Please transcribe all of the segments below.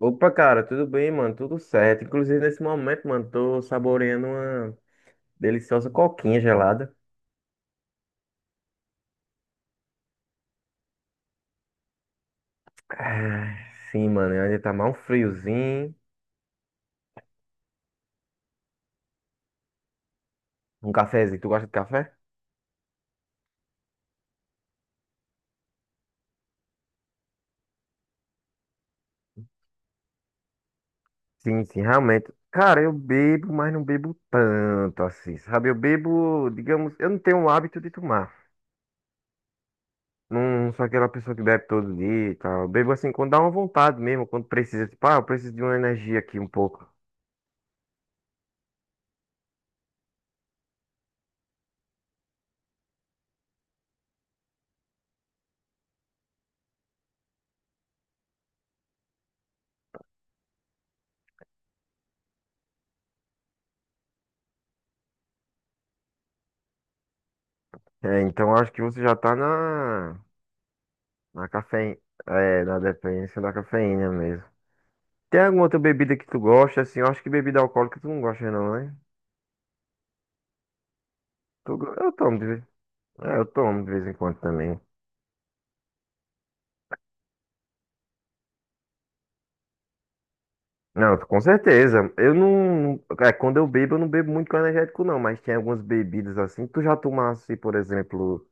Opa, cara, tudo bem, mano? Tudo certo. Inclusive, nesse momento, mano, tô saboreando uma deliciosa coquinha gelada. Ah, sim, mano, ainda tá mal um friozinho. Um cafezinho. Tu gosta de café? Sim, sim, realmente. Cara, eu bebo, mas não bebo tanto assim, sabe? Eu bebo, digamos, eu não tenho o hábito de tomar. Não sou aquela pessoa que bebe todo dia e tal. Eu bebo assim quando dá uma vontade mesmo, quando precisa. Tipo, ah, eu preciso de uma energia aqui um pouco. É, então acho que você já tá na. Na cafeína. É, na dependência da cafeína mesmo. Tem alguma outra bebida que tu gosta, assim? Eu acho que bebida alcoólica tu não gosta, não, né? Eu tomo de vez. É, eu tomo de vez em quando também. Não, com certeza. Eu não. É, quando eu bebo, eu não bebo muito com energético, não. Mas tem algumas bebidas assim. Tu já tomasse, por exemplo,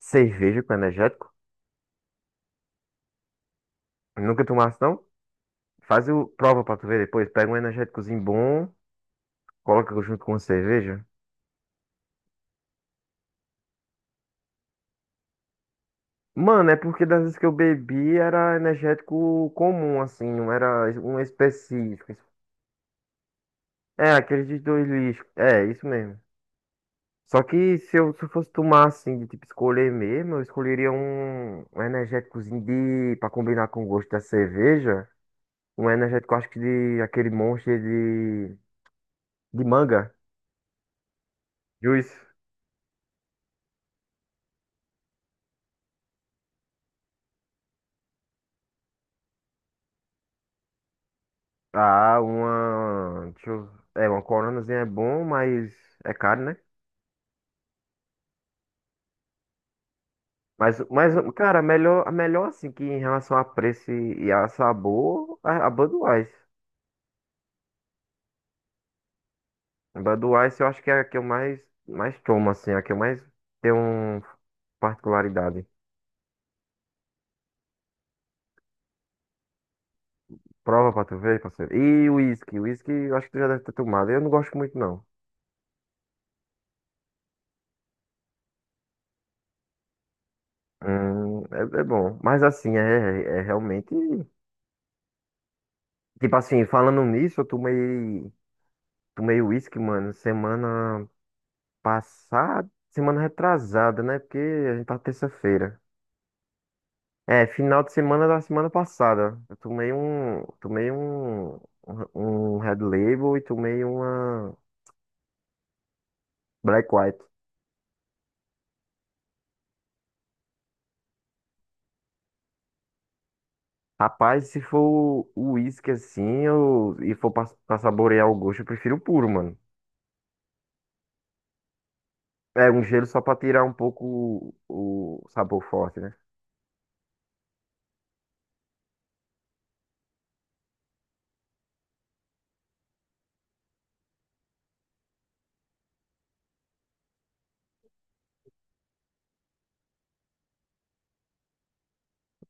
cerveja com energético? Nunca tomasse, não? Faz o. Prova pra tu ver depois. Pega um energéticozinho bom, coloca junto com uma cerveja. Mano, é porque das vezes que eu bebi era energético comum, assim, não era um específico. É, aqueles de dois lixos. É, isso mesmo. Só que se eu fosse tomar, assim, de tipo escolher mesmo, eu escolheria um, um energéticozinho de, pra combinar com o gosto da cerveja. Um energético, acho que de aquele monstro de manga. Juice. Ah, uma. Deixa eu, é, uma coronazinha é bom, mas é caro, né? Mas, cara, a melhor assim que em relação a preço e a sabor, a Budweiser. A Budweiser eu acho que é a que eu mais, mais tomo, assim, a que eu mais tenho um- particularidade. Prova pra tu ver, parceiro. E o uísque eu acho que tu já deve ter tomado. Eu não gosto muito, não. É, é bom. Mas assim, é, é é realmente. Tipo assim, falando nisso, eu tomei. Tomei uísque, mano, semana passada. Semana retrasada, né? Porque a gente tá terça-feira. É, final de semana da semana passada. Eu tomei um, um um Red Label e tomei uma Black White. Rapaz, se for o uísque assim, eu, e for pra, pra saborear o gosto, eu prefiro o puro, mano. É, um gelo só pra tirar um pouco o sabor forte, né?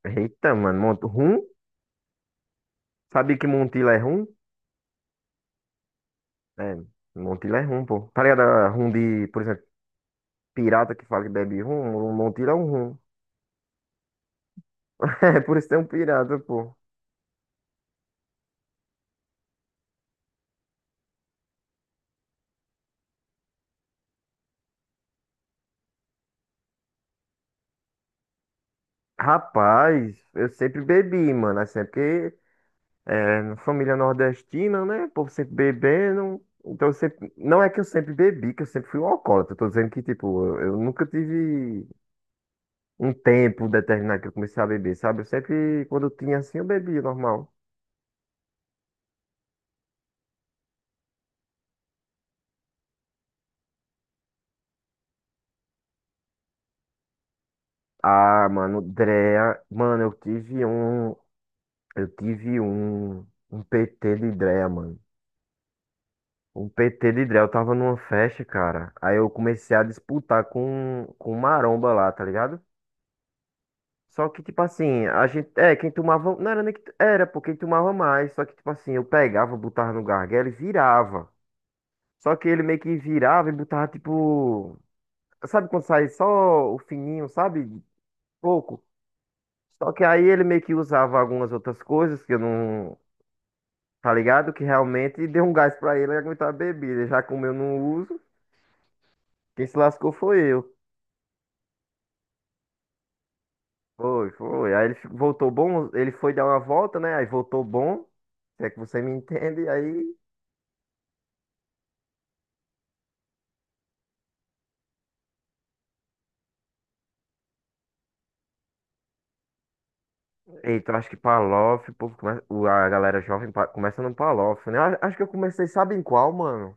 Eita, mano, Mont- rum? Sabia que Montila é rum? É, Montila é rum, pô. Tá ligado? A Rum de, por exemplo, pirata que fala que bebe rum, Montila é um rum. É, por isso tem um pirata, pô. Rapaz, eu sempre bebi, mano. Assim, é porque é, na família nordestina, né? O povo sempre bebendo. Então, eu sempre... não é que eu sempre bebi, que eu sempre fui um alcoólatra. Eu tô dizendo que, tipo, eu nunca tive um tempo determinado que eu comecei a beber, sabe? Eu sempre, quando eu tinha assim, eu bebia normal. Ah, mano, Drea. Mano, eu tive um. Eu tive um. Um PT de Drea, mano. O PT de Drell tava numa festa, cara. Aí eu comecei a disputar com o maromba lá, tá ligado? Só que, tipo assim, a gente. É, quem tomava. Não era nem que. Era, pô, quem tomava mais. Só que, tipo assim, eu pegava, botava no gargalo e virava. Só que ele meio que virava e botava, tipo. Sabe quando sai só o fininho, sabe? Pouco. Só que aí ele meio que usava algumas outras coisas que eu não. Tá ligado? Que realmente deu um gás pra ele aguentar a bebida. Já como eu não uso, quem se lascou foi eu. Foi, foi. Aí ele fi- voltou bom, ele foi dar uma volta, né? Aí voltou bom. Se é que você me entende, aí. Eita, eu acho que Palof, o povo come- o- a galera jovem pa- começa no Palof, né? A- Acho que eu comecei, sabe em qual, mano?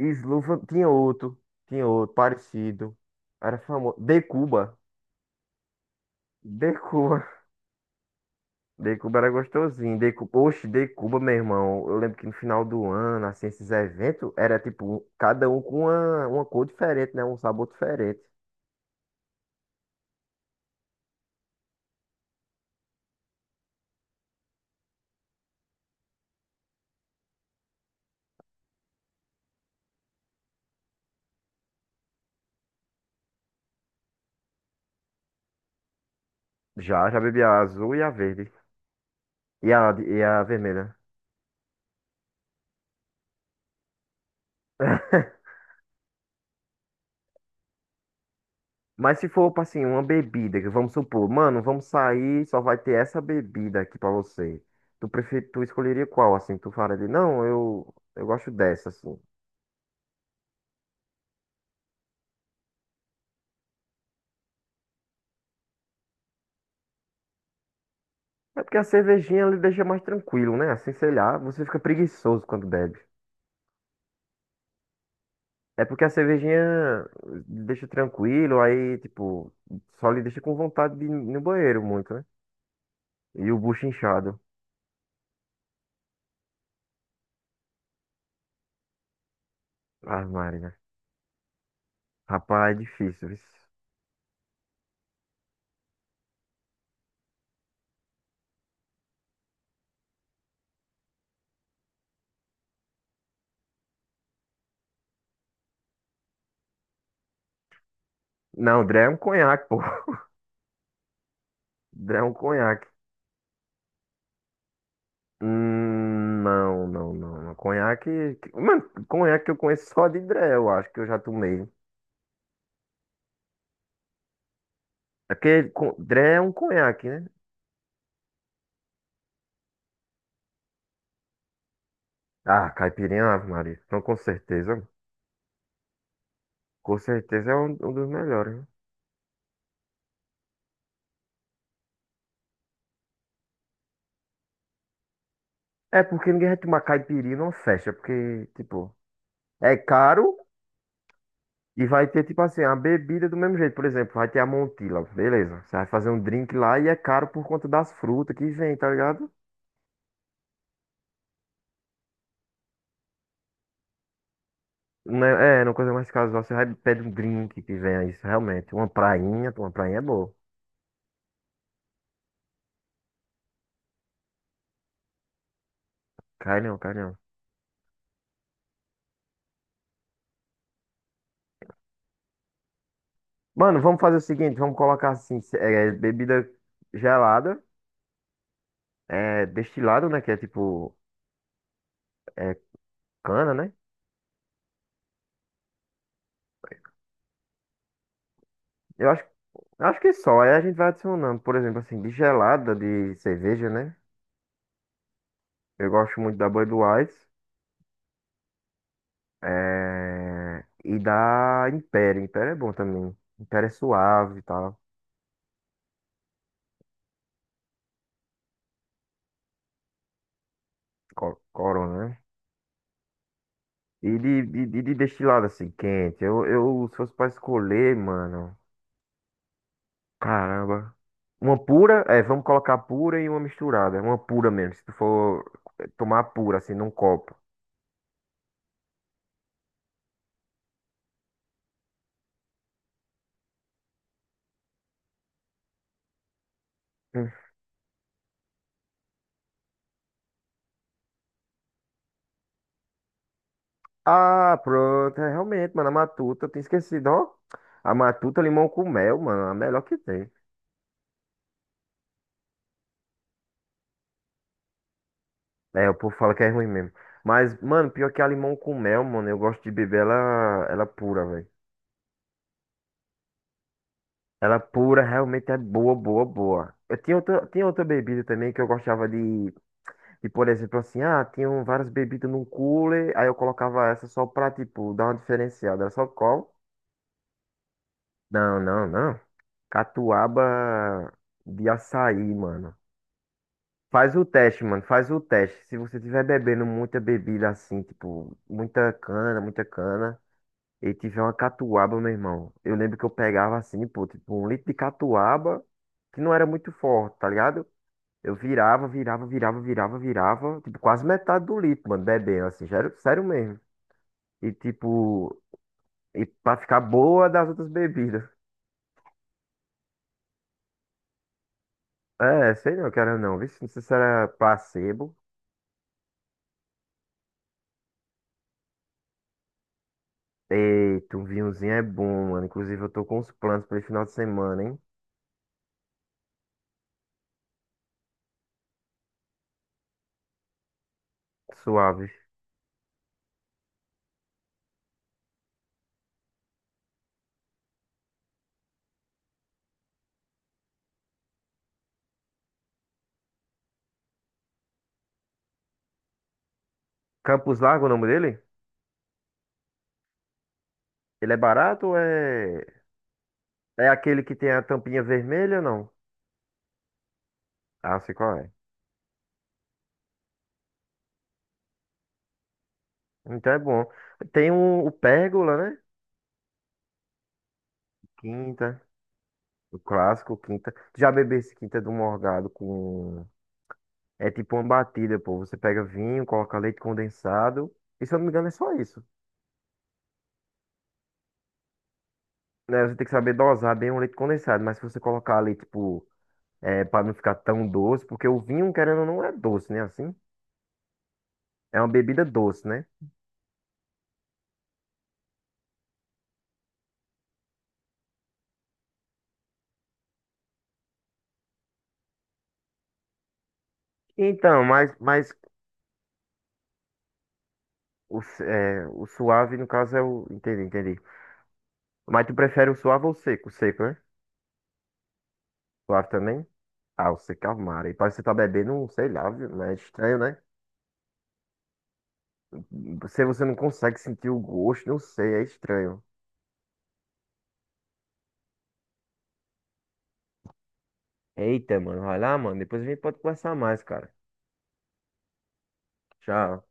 Slufa, tinha outro, parecido. Era famoso. De Cuba. De Cuba. De Cuba era gostosinho. De Cuba. Oxe, De Cuba, meu irmão. Eu lembro que no final do ano, assim, esses eventos, era tipo, cada um com uma cor diferente, né? Um sabor diferente. Já, já bebi a azul e a verde. E a, e a vermelha. Mas se for, tipo assim, uma bebida, que vamos supor, mano, vamos sair, só vai ter essa bebida aqui pra você. Tu, prefer... tu escolheria qual, assim? Tu fala ali não, eu gosto dessa, assim. É porque a cervejinha ele deixa mais tranquilo, né? Assim, sei lá, você fica preguiçoso quando bebe. É porque a cervejinha deixa tranquilo, aí, tipo, só lhe deixa com vontade de ir no banheiro muito, né? E o bucho inchado. Ah, Maria. Rapaz, é difícil, viu? Não, Dré é um conhaque, pô. Dré é um conhaque. Não, não, não. Conhaque. Mano, conhaque eu conheço só de Dré, eu acho que eu já tomei. É porque con- Dré é um conhaque, né? Ah, caipirinha, Ave Maria. Então, com certeza. Com certeza é um, um dos melhores. Né? É porque ninguém vai tomar caipirinha numa festa, porque, tipo, é caro e vai ter, tipo assim, a bebida do mesmo jeito. Por exemplo, vai ter a Montila, beleza. Você vai fazer um drink lá e é caro por conta das frutas que vem, tá ligado? Não é, é, uma coisa mais casual. Você vai pede um drink que venha isso, realmente. Uma prainha é boa. Cai não, cai não. Mano, vamos fazer o seguinte, vamos colocar assim, se- é, bebida gelada, é, destilado, né? Que é tipo, é cana, né? Eu acho, acho que é só. Aí a gente vai adicionando, por exemplo, assim, de gelada, de cerveja, né? Eu gosto muito da Budweiser, é, e da Império. Império é bom também. Império é suave e tal. Co- Corona, né? E de destilado assim, quente. Eu, se fosse pra escolher, mano. Caramba. Uma pura, é, vamos colocar pura e uma misturada. Uma pura mesmo, se tu for eh, tomar pura, assim, num copo. Hum. Ah, pronto. É, realmente, mano, a Matuta, eu tinha esquecido, ó. A Matuta limão com mel, mano, a melhor que tem. É, o povo fala que é ruim mesmo. Mas, mano, pior que a limão com mel, mano, eu gosto de beber ela, ela pura, velho. Ela pura realmente é boa, boa, boa. Eu tinha outra bebida também que eu gostava de, por exemplo, assim, ah, tinham várias bebidas num cooler, aí eu colocava essa só pra, tipo, dar uma diferenciada. Era só qual? Não, não, não. Catuaba de açaí, mano. Faz o teste, mano, faz o teste. Se você tiver bebendo muita bebida assim, tipo, muita cana, e tiver uma catuaba, meu irmão. Eu lembro que eu pegava assim, pô, tipo, um litro de catuaba, que não era muito forte, tá ligado? Eu virava, virava, virava, virava, virava. Tipo, quase metade do litro, mano, bebendo, assim, sério, sério mesmo. E tipo, e pra ficar boa das outras bebidas. É, sei não, cara, não. Vê se não sei se era placebo. Eita, um vinhozinho é bom, mano. Inclusive, eu tô com uns planos pra esse final de semana, hein? Suave. Campos Largo, é o nome dele? Ele é barato ou é. É aquele que tem a tampinha vermelha ou não? Ah, sei qual é. Então é bom. Tem um, o Pérgola, né? Quinta. O clássico, quinta. Tu já bebesse quinta do morgado com. É tipo uma batida, pô. Você pega vinho, coloca leite condensado. E se eu não me engano, é só isso. Né? Você tem que saber dosar bem o leite condensado. Mas se você colocar ali, tipo, é, pra não ficar tão doce, porque o vinho, querendo ou não, é doce, né? Assim. É uma bebida doce, né? Então, mas o, s- é, o suave, no caso, é o. Entendi, entendi. Mas tu prefere o suave ou o seco? O seco, né? Suave também? Ah, o seco é o mar. E parece que você tá bebendo, um, sei lá, viu? Mas é estranho, né? Você não consegue sentir o gosto, não sei, é estranho. Eita, mano, vai lá, mano. Depois a gente pode conversar mais, cara. Tchau.